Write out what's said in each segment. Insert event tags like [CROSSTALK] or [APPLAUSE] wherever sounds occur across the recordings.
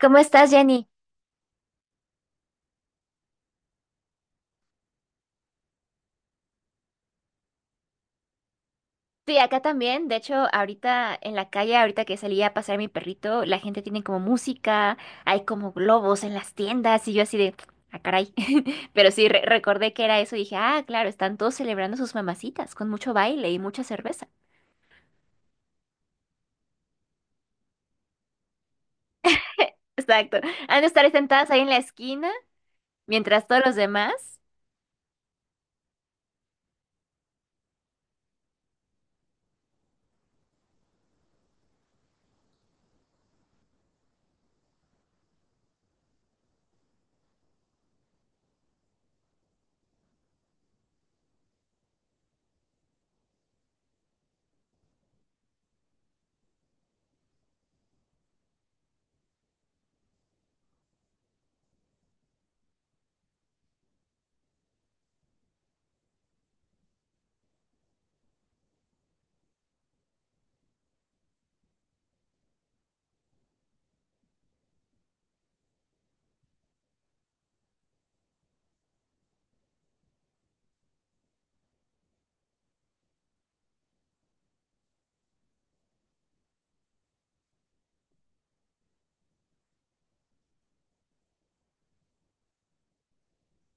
¿Cómo estás, Jenny? Sí, acá también. De hecho, ahorita en la calle, ahorita que salí a pasear mi perrito, la gente tiene como música, hay como globos en las tiendas y yo así de, ah, caray. [LAUGHS] Pero sí, recordé que era eso y dije, ah, claro, están todos celebrando sus mamacitas con mucho baile y mucha cerveza. [LAUGHS] Exacto. Han de estar sentadas ahí en la esquina, mientras todos los demás.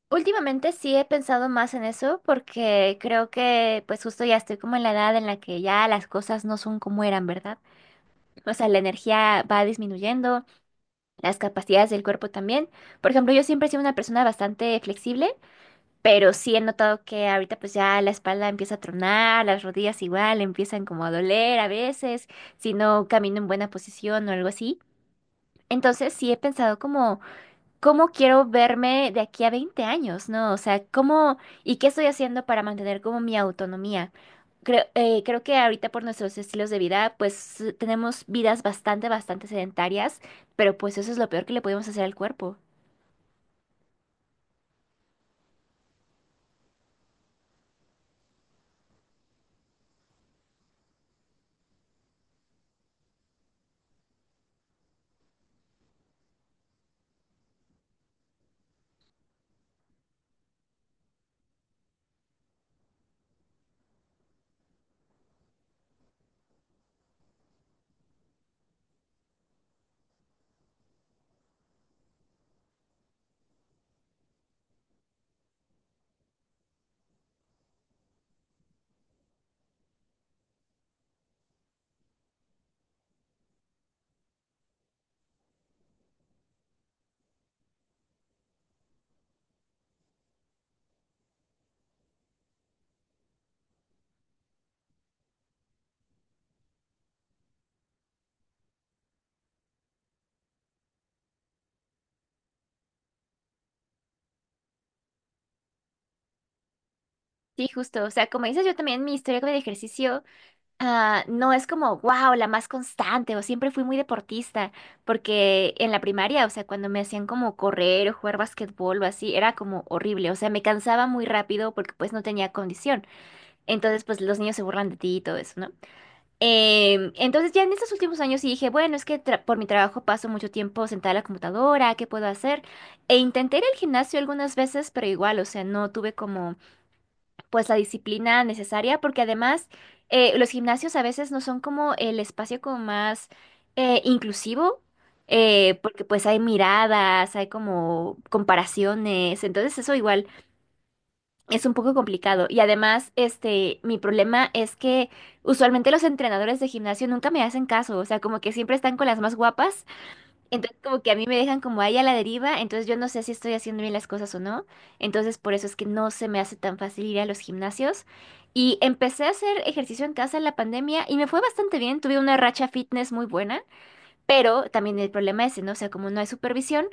Últimamente sí he pensado más en eso porque creo que pues justo ya estoy como en la edad en la que ya las cosas no son como eran, ¿verdad? O sea, la energía va disminuyendo, las capacidades del cuerpo también. Por ejemplo, yo siempre he sido una persona bastante flexible, pero sí he notado que ahorita pues ya la espalda empieza a tronar, las rodillas igual empiezan como a doler a veces, si no camino en buena posición o algo así. Entonces sí he pensado como ¿cómo quiero verme de aquí a 20 años? ¿No? O sea, ¿cómo y qué estoy haciendo para mantener como mi autonomía? Creo, creo que ahorita por nuestros estilos de vida, pues tenemos vidas bastante sedentarias, pero pues eso es lo peor que le podemos hacer al cuerpo. Sí, justo. O sea, como dices, yo también mi historia con el ejercicio. Ah, no es como, wow, la más constante o siempre fui muy deportista, porque en la primaria, o sea, cuando me hacían como correr o jugar basquetbol o así, era como horrible, o sea, me cansaba muy rápido porque pues no tenía condición. Entonces, pues los niños se burlan de ti y todo eso, ¿no? Entonces, ya en estos últimos años sí dije, bueno, es que por mi trabajo paso mucho tiempo sentada a la computadora, ¿qué puedo hacer? E intenté ir al gimnasio algunas veces, pero igual, o sea, no tuve como pues la disciplina necesaria, porque además los gimnasios a veces no son como el espacio como más inclusivo, porque pues hay miradas, hay como comparaciones, entonces eso igual es un poco complicado. Y además, este, mi problema es que usualmente los entrenadores de gimnasio nunca me hacen caso, o sea, como que siempre están con las más guapas, entonces, como que a mí me dejan como ahí a la deriva, entonces yo no sé si estoy haciendo bien las cosas o no. Entonces, por eso es que no se me hace tan fácil ir a los gimnasios. Y empecé a hacer ejercicio en casa en la pandemia y me fue bastante bien. Tuve una racha fitness muy buena, pero también el problema es, ¿no? O sea, como no hay supervisión,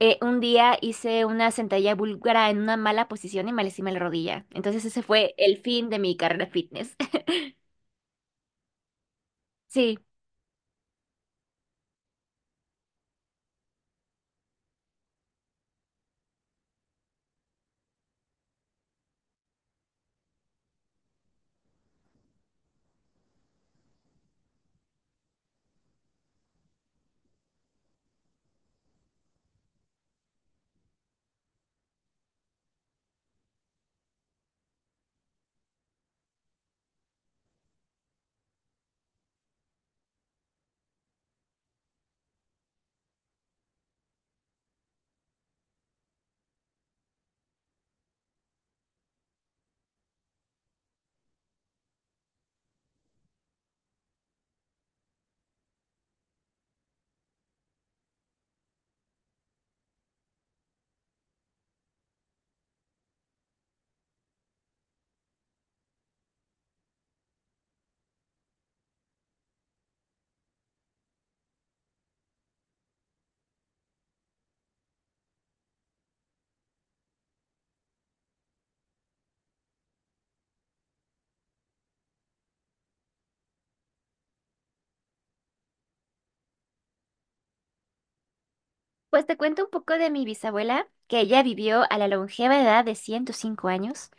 un día hice una sentadilla búlgara en una mala posición y me lastimé la rodilla. Entonces, ese fue el fin de mi carrera fitness. [LAUGHS] Sí. Pues te cuento un poco de mi bisabuela, que ella vivió a la longeva edad de 105 años.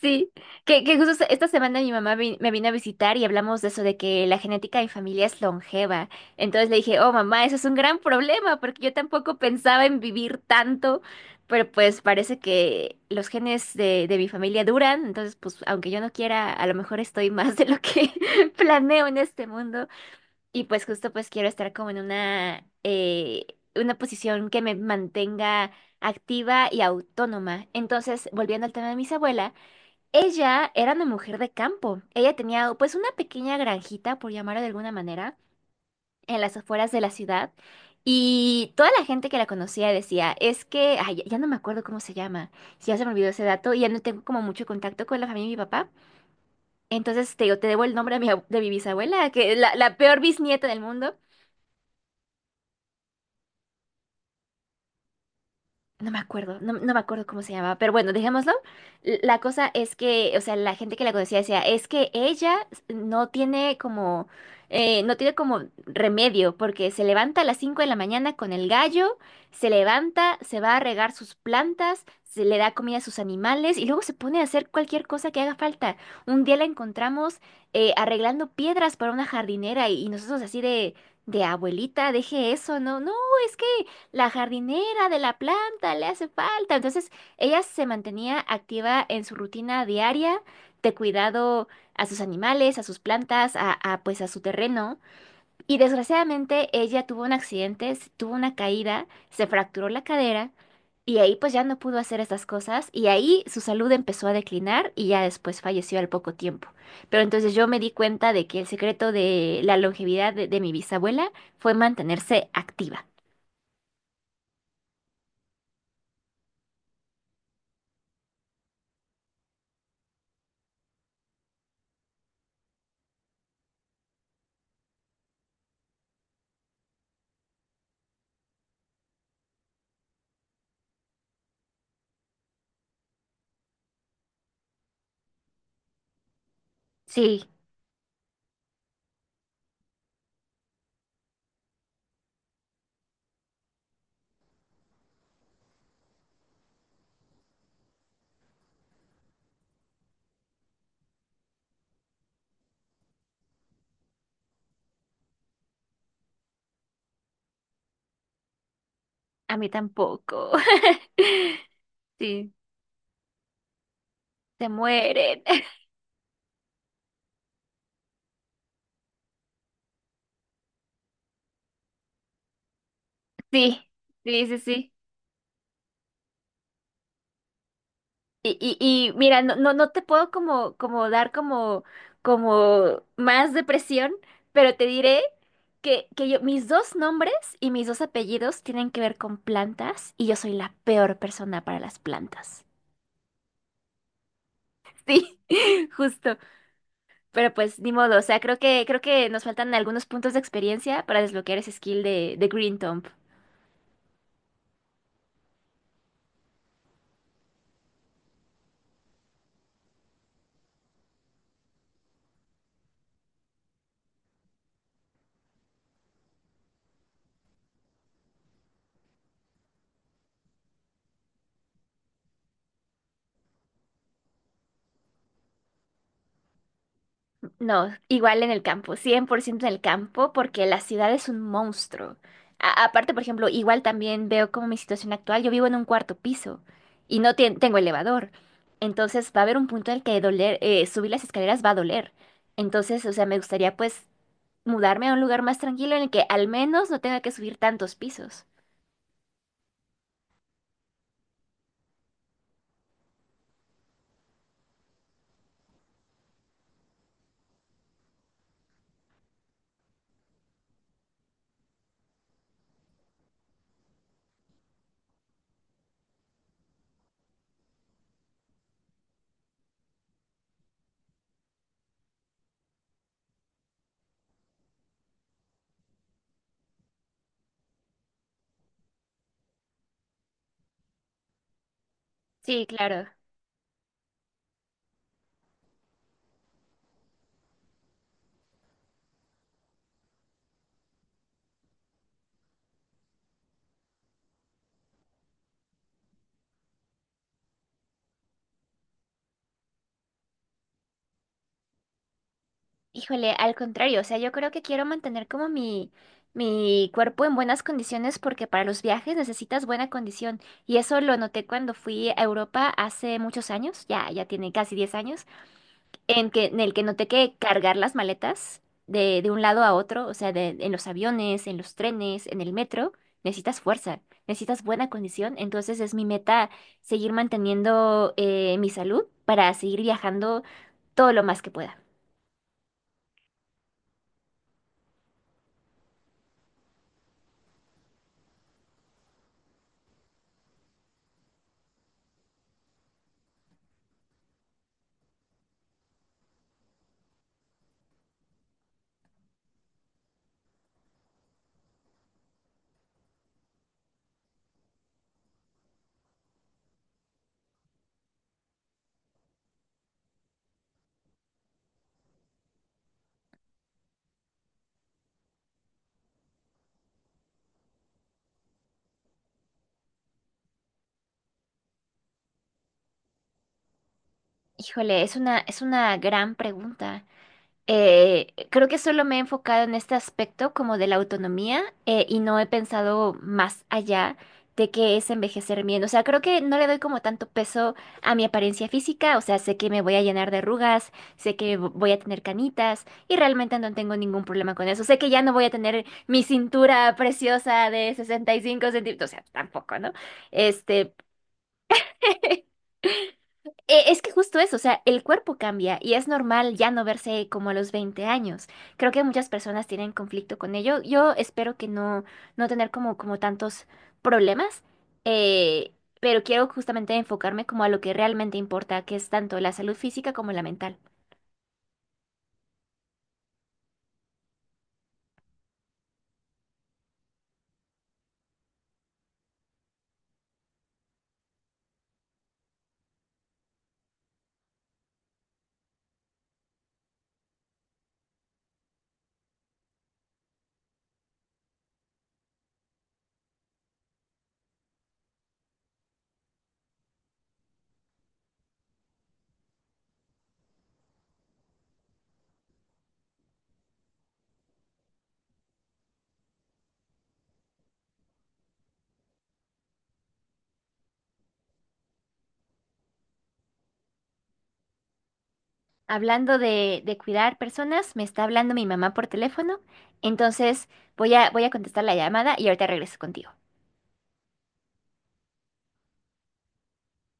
Sí, que justo esta semana mi mamá me vino a visitar y hablamos de eso, de que la genética de mi familia es longeva. Entonces le dije, oh mamá, eso es un gran problema, porque yo tampoco pensaba en vivir tanto, pero pues parece que los genes de mi familia duran, entonces pues aunque yo no quiera, a lo mejor estoy [LAUGHS] más de lo que [LAUGHS] planeo en este mundo. Y pues justo pues quiero estar como en una posición que me mantenga activa y autónoma. Entonces, volviendo al tema de mis abuelas, ella era una mujer de campo. Ella tenía pues una pequeña granjita, por llamarlo de alguna manera, en las afueras de la ciudad. Y toda la gente que la conocía decía, es que, ay, ya no me acuerdo cómo se llama, ya se me olvidó ese dato y ya no tengo como mucho contacto con la familia de mi papá. Entonces te digo, te debo el nombre de mi, de mi bisabuela, que es la, la peor bisnieta del mundo. No me acuerdo, no me acuerdo cómo se llamaba, pero bueno, dejémoslo. La cosa es que, o sea, la gente que la conocía decía, es que ella no tiene como, no tiene como remedio, porque se levanta a las 5 de la mañana con el gallo, se levanta, se va a regar sus plantas, se le da comida a sus animales y luego se pone a hacer cualquier cosa que haga falta. Un día la encontramos arreglando piedras para una jardinera y nosotros así de abuelita, deje eso, no, no, es que la jardinera de la plaza falta, le hace falta. Entonces, ella se mantenía activa en su rutina diaria de cuidado a sus animales, a sus plantas, pues a su terreno. Y desgraciadamente ella tuvo un accidente, tuvo una caída, se fracturó la cadera y ahí pues ya no pudo hacer estas cosas y ahí su salud empezó a declinar y ya después falleció al poco tiempo. Pero entonces yo me di cuenta de que el secreto de la longevidad de mi bisabuela fue mantenerse activa. Sí, a mí tampoco. [LAUGHS] Sí, se mueren. [LAUGHS] Sí, sí, sí, sí. Y mira, no te puedo como, como dar como, como más depresión, pero te diré que yo, mis dos nombres y mis dos apellidos tienen que ver con plantas y yo soy la peor persona para las plantas. Sí, [LAUGHS] justo. Pero pues ni modo, o sea, creo que nos faltan algunos puntos de experiencia para desbloquear ese skill de Green Thumb. No, igual en el campo, 100% en el campo, porque la ciudad es un monstruo. Aparte, por ejemplo, igual también veo como mi situación actual, yo vivo en un cuarto piso y no tengo elevador. Entonces va a haber un punto en el que doler, subir las escaleras va a doler. Entonces, o sea, me gustaría pues mudarme a un lugar más tranquilo en el que al menos no tenga que subir tantos pisos. Sí, claro. Híjole, al contrario, o sea, yo creo que quiero mantener como mi cuerpo en buenas condiciones porque para los viajes necesitas buena condición. Y eso lo noté cuando fui a Europa hace muchos años, ya tiene casi 10 años, en que, en el que noté que cargar las maletas de un lado a otro, o sea, en los aviones, en los trenes, en el metro, necesitas fuerza, necesitas buena condición. Entonces es mi meta seguir manteniendo mi salud para seguir viajando todo lo más que pueda. Híjole, es una gran pregunta. Creo que solo me he enfocado en este aspecto como de la autonomía y no he pensado más allá de qué es envejecer bien. O sea, creo que no le doy como tanto peso a mi apariencia física. O sea, sé que me voy a llenar de arrugas, sé que voy a tener canitas y realmente no tengo ningún problema con eso. Sé que ya no voy a tener mi cintura preciosa de 65 centímetros. O sea, tampoco, ¿no? Este... [LAUGHS] Es que justo eso, o sea, el cuerpo cambia y es normal ya no verse como a los 20 años. Creo que muchas personas tienen conflicto con ello. Yo espero que no, no tener como, como tantos problemas, eh, pero quiero justamente enfocarme como a lo que realmente importa, que es tanto la salud física como la mental. Hablando de cuidar personas, me está hablando mi mamá por teléfono, entonces voy voy a contestar la llamada y ahorita regreso contigo.